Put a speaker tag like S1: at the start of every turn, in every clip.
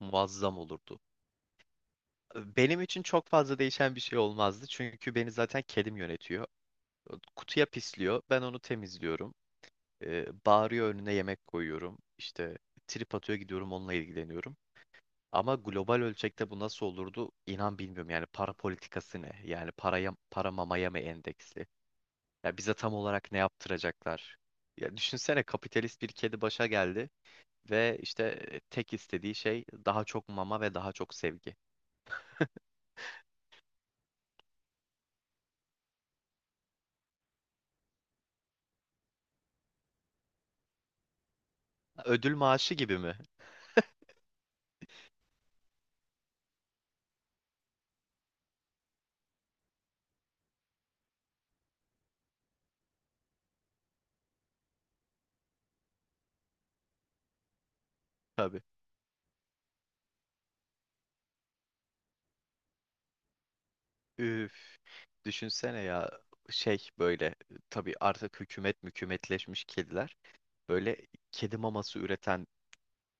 S1: Muazzam olurdu. Benim için çok fazla değişen bir şey olmazdı. Çünkü beni zaten kedim yönetiyor. Kutuya pisliyor. Ben onu temizliyorum. Bağırıyor önüne yemek koyuyorum. İşte trip atıyor gidiyorum onunla ilgileniyorum. Ama global ölçekte bu nasıl olurdu? İnan bilmiyorum. Yani para politikası ne? Yani para mamaya mı endeksli? Ya bize tam olarak ne yaptıracaklar? Ya düşünsene kapitalist bir kedi başa geldi ve işte tek istediği şey daha çok mama ve daha çok sevgi. Ödül maaşı gibi mi? Tabii. Üf. Düşünsene ya şey böyle, tabii artık hükümet mükümetleşmiş kediler böyle kedi maması üreten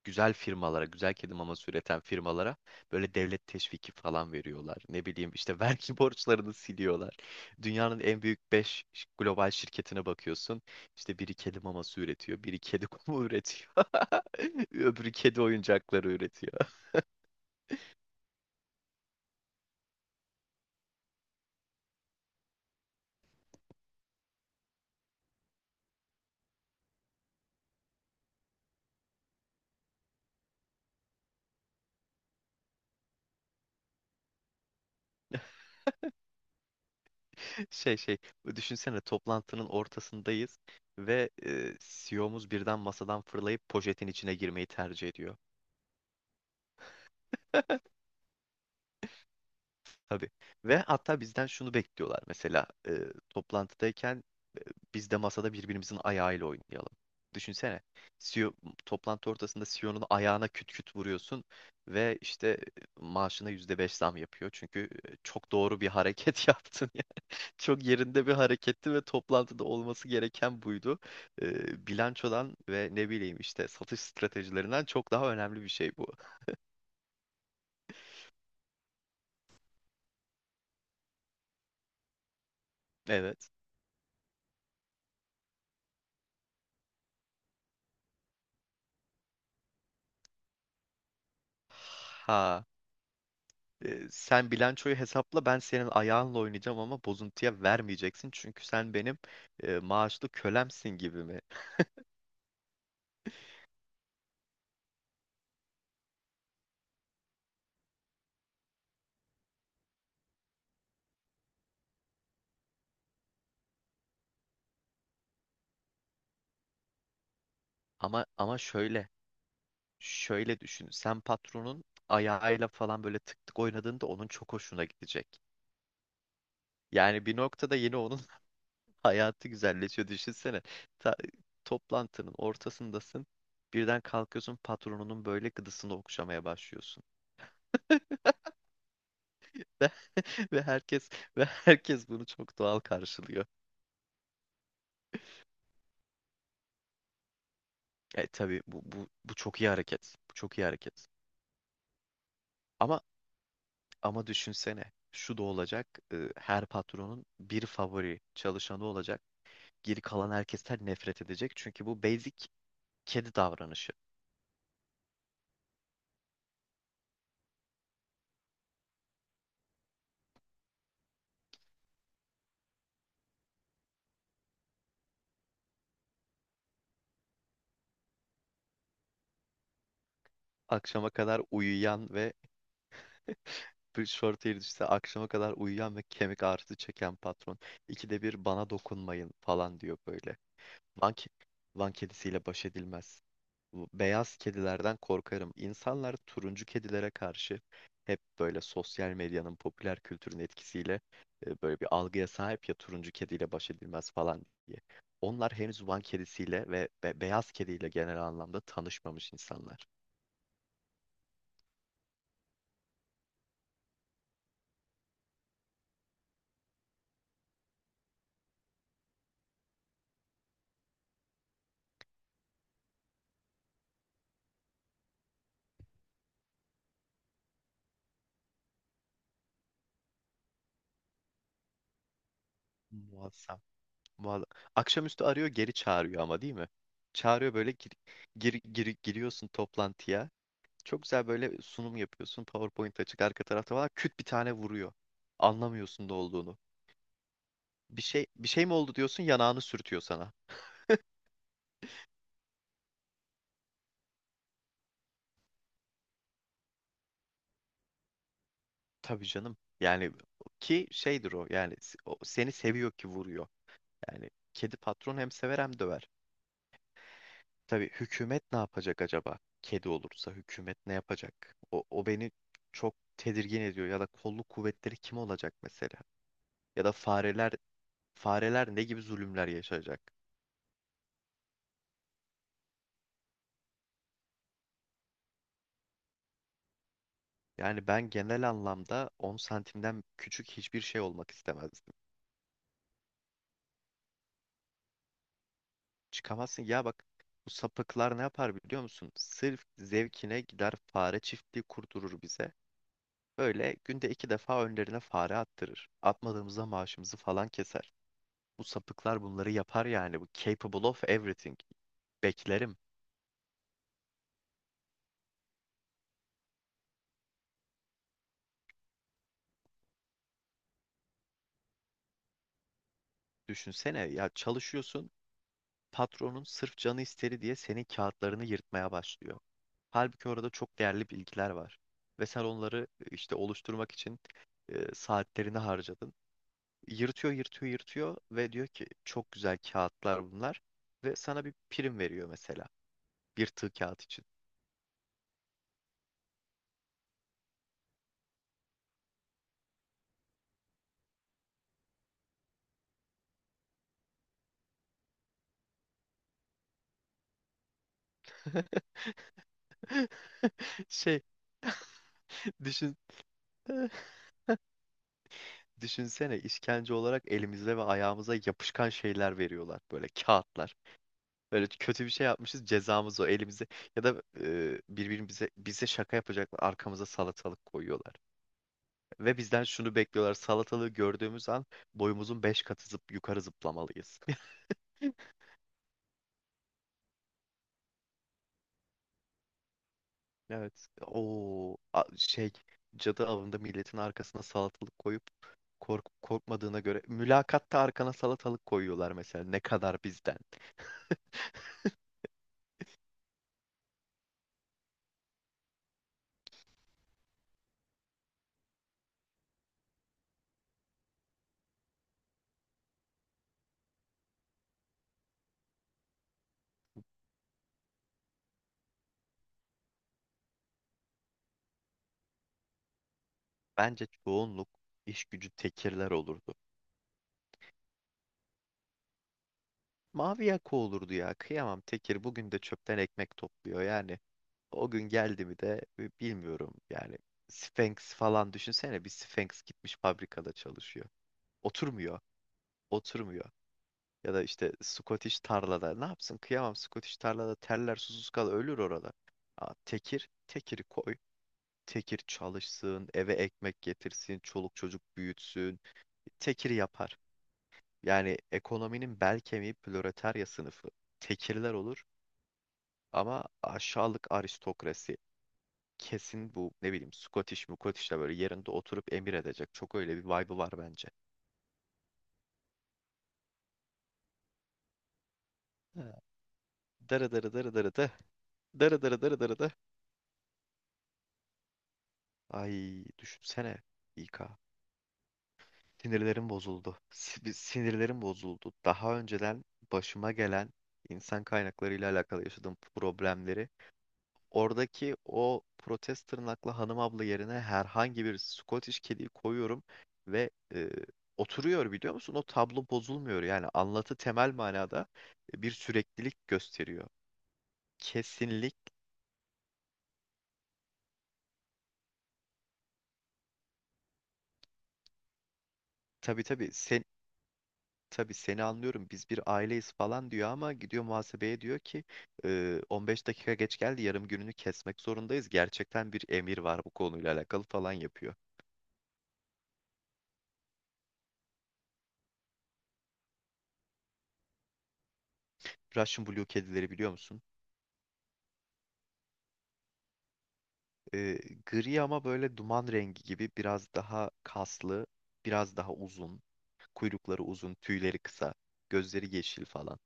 S1: güzel kedi maması üreten firmalara böyle devlet teşviki falan veriyorlar. Ne bileyim işte vergi borçlarını siliyorlar. Dünyanın en büyük 5 global şirketine bakıyorsun. İşte biri kedi maması üretiyor, biri kedi kumu üretiyor. Öbürü kedi oyuncakları üretiyor. Şey şey Düşünsene toplantının ortasındayız ve CEO'muz birden masadan fırlayıp poşetin içine girmeyi tercih ediyor. Tabii. Ve hatta bizden şunu bekliyorlar mesela, toplantıdayken biz de masada birbirimizin ayağıyla oynayalım. Düşünsene, CEO, toplantı ortasında CEO'nun ayağına küt küt vuruyorsun ve işte maaşına %5 zam yapıyor. Çünkü çok doğru bir hareket yaptın, çok yerinde bir hareketti ve toplantıda olması gereken buydu. Bilançodan ve ne bileyim işte satış stratejilerinden çok daha önemli bir şey bu. Evet. Ha. Sen bilançoyu hesapla ben senin ayağınla oynayacağım ama bozuntuya vermeyeceksin çünkü sen benim maaşlı kölemsin gibi mi? Ama şöyle düşün, sen patronun ayağıyla falan böyle tık tık oynadığında onun çok hoşuna gidecek. Yani bir noktada yine onun hayatı güzelleşiyor, düşünsene. Ta- Toplantının ortasındasın. Birden kalkıyorsun patronunun böyle gıdısını okşamaya başlıyorsun. Ve, ve herkes ve herkes bunu çok doğal karşılıyor. Tabii bu çok iyi hareket. Bu çok iyi hareket. Ama ama düşünsene şu da olacak. Her patronun bir favori çalışanı olacak. Geri kalan herkesten nefret edecek. Çünkü bu basic kedi davranışı. Akşama kadar uyuyan ve Bir short hair işte akşama kadar uyuyan ve kemik ağrısı çeken patron. İkide bir bana dokunmayın falan diyor böyle. Van, ke- Van kedisiyle baş edilmez. Bu beyaz kedilerden korkarım. İnsanlar turuncu kedilere karşı hep böyle sosyal medyanın, popüler kültürün etkisiyle böyle bir algıya sahip, ya turuncu kediyle baş edilmez falan diye. Onlar henüz Van kedisiyle ve beyaz kediyle genel anlamda tanışmamış insanlar. Muazzam. Vallahi. Akşamüstü arıyor geri çağırıyor ama, değil mi? Çağırıyor böyle, giriyorsun toplantıya. Çok güzel böyle sunum yapıyorsun. PowerPoint açık arka tarafta var. Küt bir tane vuruyor. Anlamıyorsun ne olduğunu. Bir şey mi oldu diyorsun, yanağını sürtüyor sana. Tabii canım. Yani ki şeydir o, yani o seni seviyor ki vuruyor. Yani kedi patron hem sever hem döver. Tabii hükümet ne yapacak acaba? Kedi olursa hükümet ne yapacak? O beni çok tedirgin ediyor. Ya da kolluk kuvvetleri kim olacak mesela? Ya da fareler ne gibi zulümler yaşayacak? Yani ben genel anlamda 10 santimden küçük hiçbir şey olmak istemezdim. Çıkamazsın. Ya bak, bu sapıklar ne yapar biliyor musun? Sırf zevkine gider fare çiftliği kurdurur bize. Böyle günde 2 defa önlerine fare attırır. Atmadığımızda maaşımızı falan keser. Bu sapıklar bunları yapar yani. Bu capable of everything. Beklerim. Düşünsene ya, çalışıyorsun. Patronun sırf canı istedi diye senin kağıtlarını yırtmaya başlıyor. Halbuki orada çok değerli bilgiler var. Ve sen onları işte oluşturmak için saatlerini harcadın. Yırtıyor, yırtıyor, yırtıyor ve diyor ki çok güzel kağıtlar bunlar. Ve sana bir prim veriyor mesela. Bir tığ kağıt için. Şey Düşün. Düşünsene, işkence olarak elimize ve ayağımıza yapışkan şeyler veriyorlar. Böyle kağıtlar. Böyle kötü bir şey yapmışız, cezamız o elimize. Ya da bize şaka yapacaklar, arkamıza salatalık koyuyorlar. Ve bizden şunu bekliyorlar, salatalığı gördüğümüz an boyumuzun 5 katı zıp yukarı zıplamalıyız. Evet. O şey, cadı avında milletin arkasına salatalık koyup korkmadığına göre, mülakatta arkana salatalık koyuyorlar mesela, ne kadar bizden. Bence çoğunluk iş gücü tekirler olurdu. Mavi yaka olurdu ya. Kıyamam, tekir bugün de çöpten ekmek topluyor. Yani o gün geldi mi de bilmiyorum. Yani Sphinx falan düşünsene, bir Sphinx gitmiş fabrikada çalışıyor. Oturmuyor. Oturmuyor. Ya da işte Scottish tarlada. Ne yapsın? Kıyamam, Scottish tarlada terler, susuz kal ölür orada. Aa, tekir, tekiri koy. Tekir çalışsın, eve ekmek getirsin, çoluk çocuk büyütsün. Tekir yapar. Yani ekonominin bel kemiği proletarya sınıfı, tekirler olur. Ama aşağılık aristokrasi kesin bu, ne bileyim Scottish Mukottish de böyle yerinde oturup emir edecek. Çok öyle bir vibe'ı var bence. Ha. Darı darı darı darı da. Darı darı darı darı da. Ay, düşünsene, İK. Sinirlerim bozuldu. Sinirlerim bozuldu. Daha önceden başıma gelen insan kaynakları ile alakalı yaşadığım problemleri, oradaki o protez tırnaklı hanım abla yerine herhangi bir Scottish kediyi koyuyorum ve oturuyor, biliyor musun? O tablo bozulmuyor. Yani anlatı temel manada bir süreklilik gösteriyor. Kesinlik tabii tabii sen tabii, seni anlıyorum, biz bir aileyiz falan diyor ama gidiyor muhasebeye diyor ki, 15 dakika geç geldi, yarım gününü kesmek zorundayız. Gerçekten bir emir var, bu konuyla alakalı falan yapıyor. Russian Blue kedileri biliyor musun? E, Gri ama böyle duman rengi gibi, biraz daha kaslı, biraz daha uzun. Kuyrukları uzun, tüyleri kısa, gözleri yeşil falan.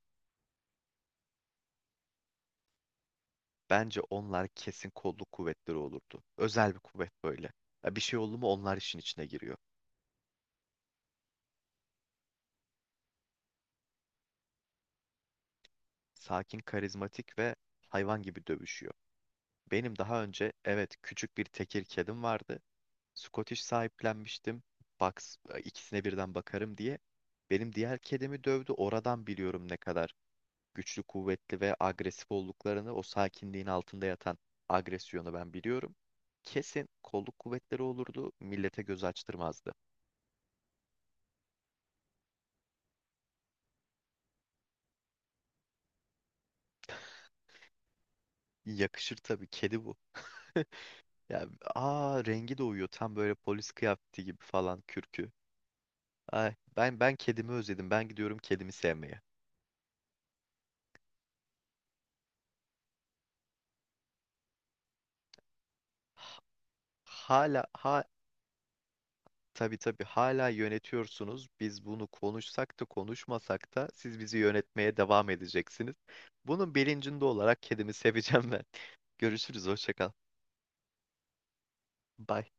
S1: Bence onlar kesin kolluk kuvvetleri olurdu. Özel bir kuvvet böyle. Ya bir şey oldu mu onlar işin içine giriyor. Sakin, karizmatik ve hayvan gibi dövüşüyor. Benim daha önce, evet, küçük bir tekir kedim vardı. Scottish sahiplenmiştim. Box, ikisine birden bakarım diye. Benim diğer kedimi dövdü. Oradan biliyorum ne kadar güçlü, kuvvetli ve agresif olduklarını, o sakinliğin altında yatan agresyonu ben biliyorum. Kesin kolluk kuvvetleri olurdu, millete göz açtırmazdı. Yakışır tabii, kedi bu. Ya, aa, rengi de uyuyor, tam böyle polis kıyafeti gibi falan kürkü. Ay, ben kedimi özledim. Ben gidiyorum kedimi sevmeye. H- Hala, hala. Tabii, tabii, hala yönetiyorsunuz. Biz bunu konuşsak da konuşmasak da siz bizi yönetmeye devam edeceksiniz. Bunun bilincinde olarak kedimi seveceğim ben. Görüşürüz, hoşça kal. Bye.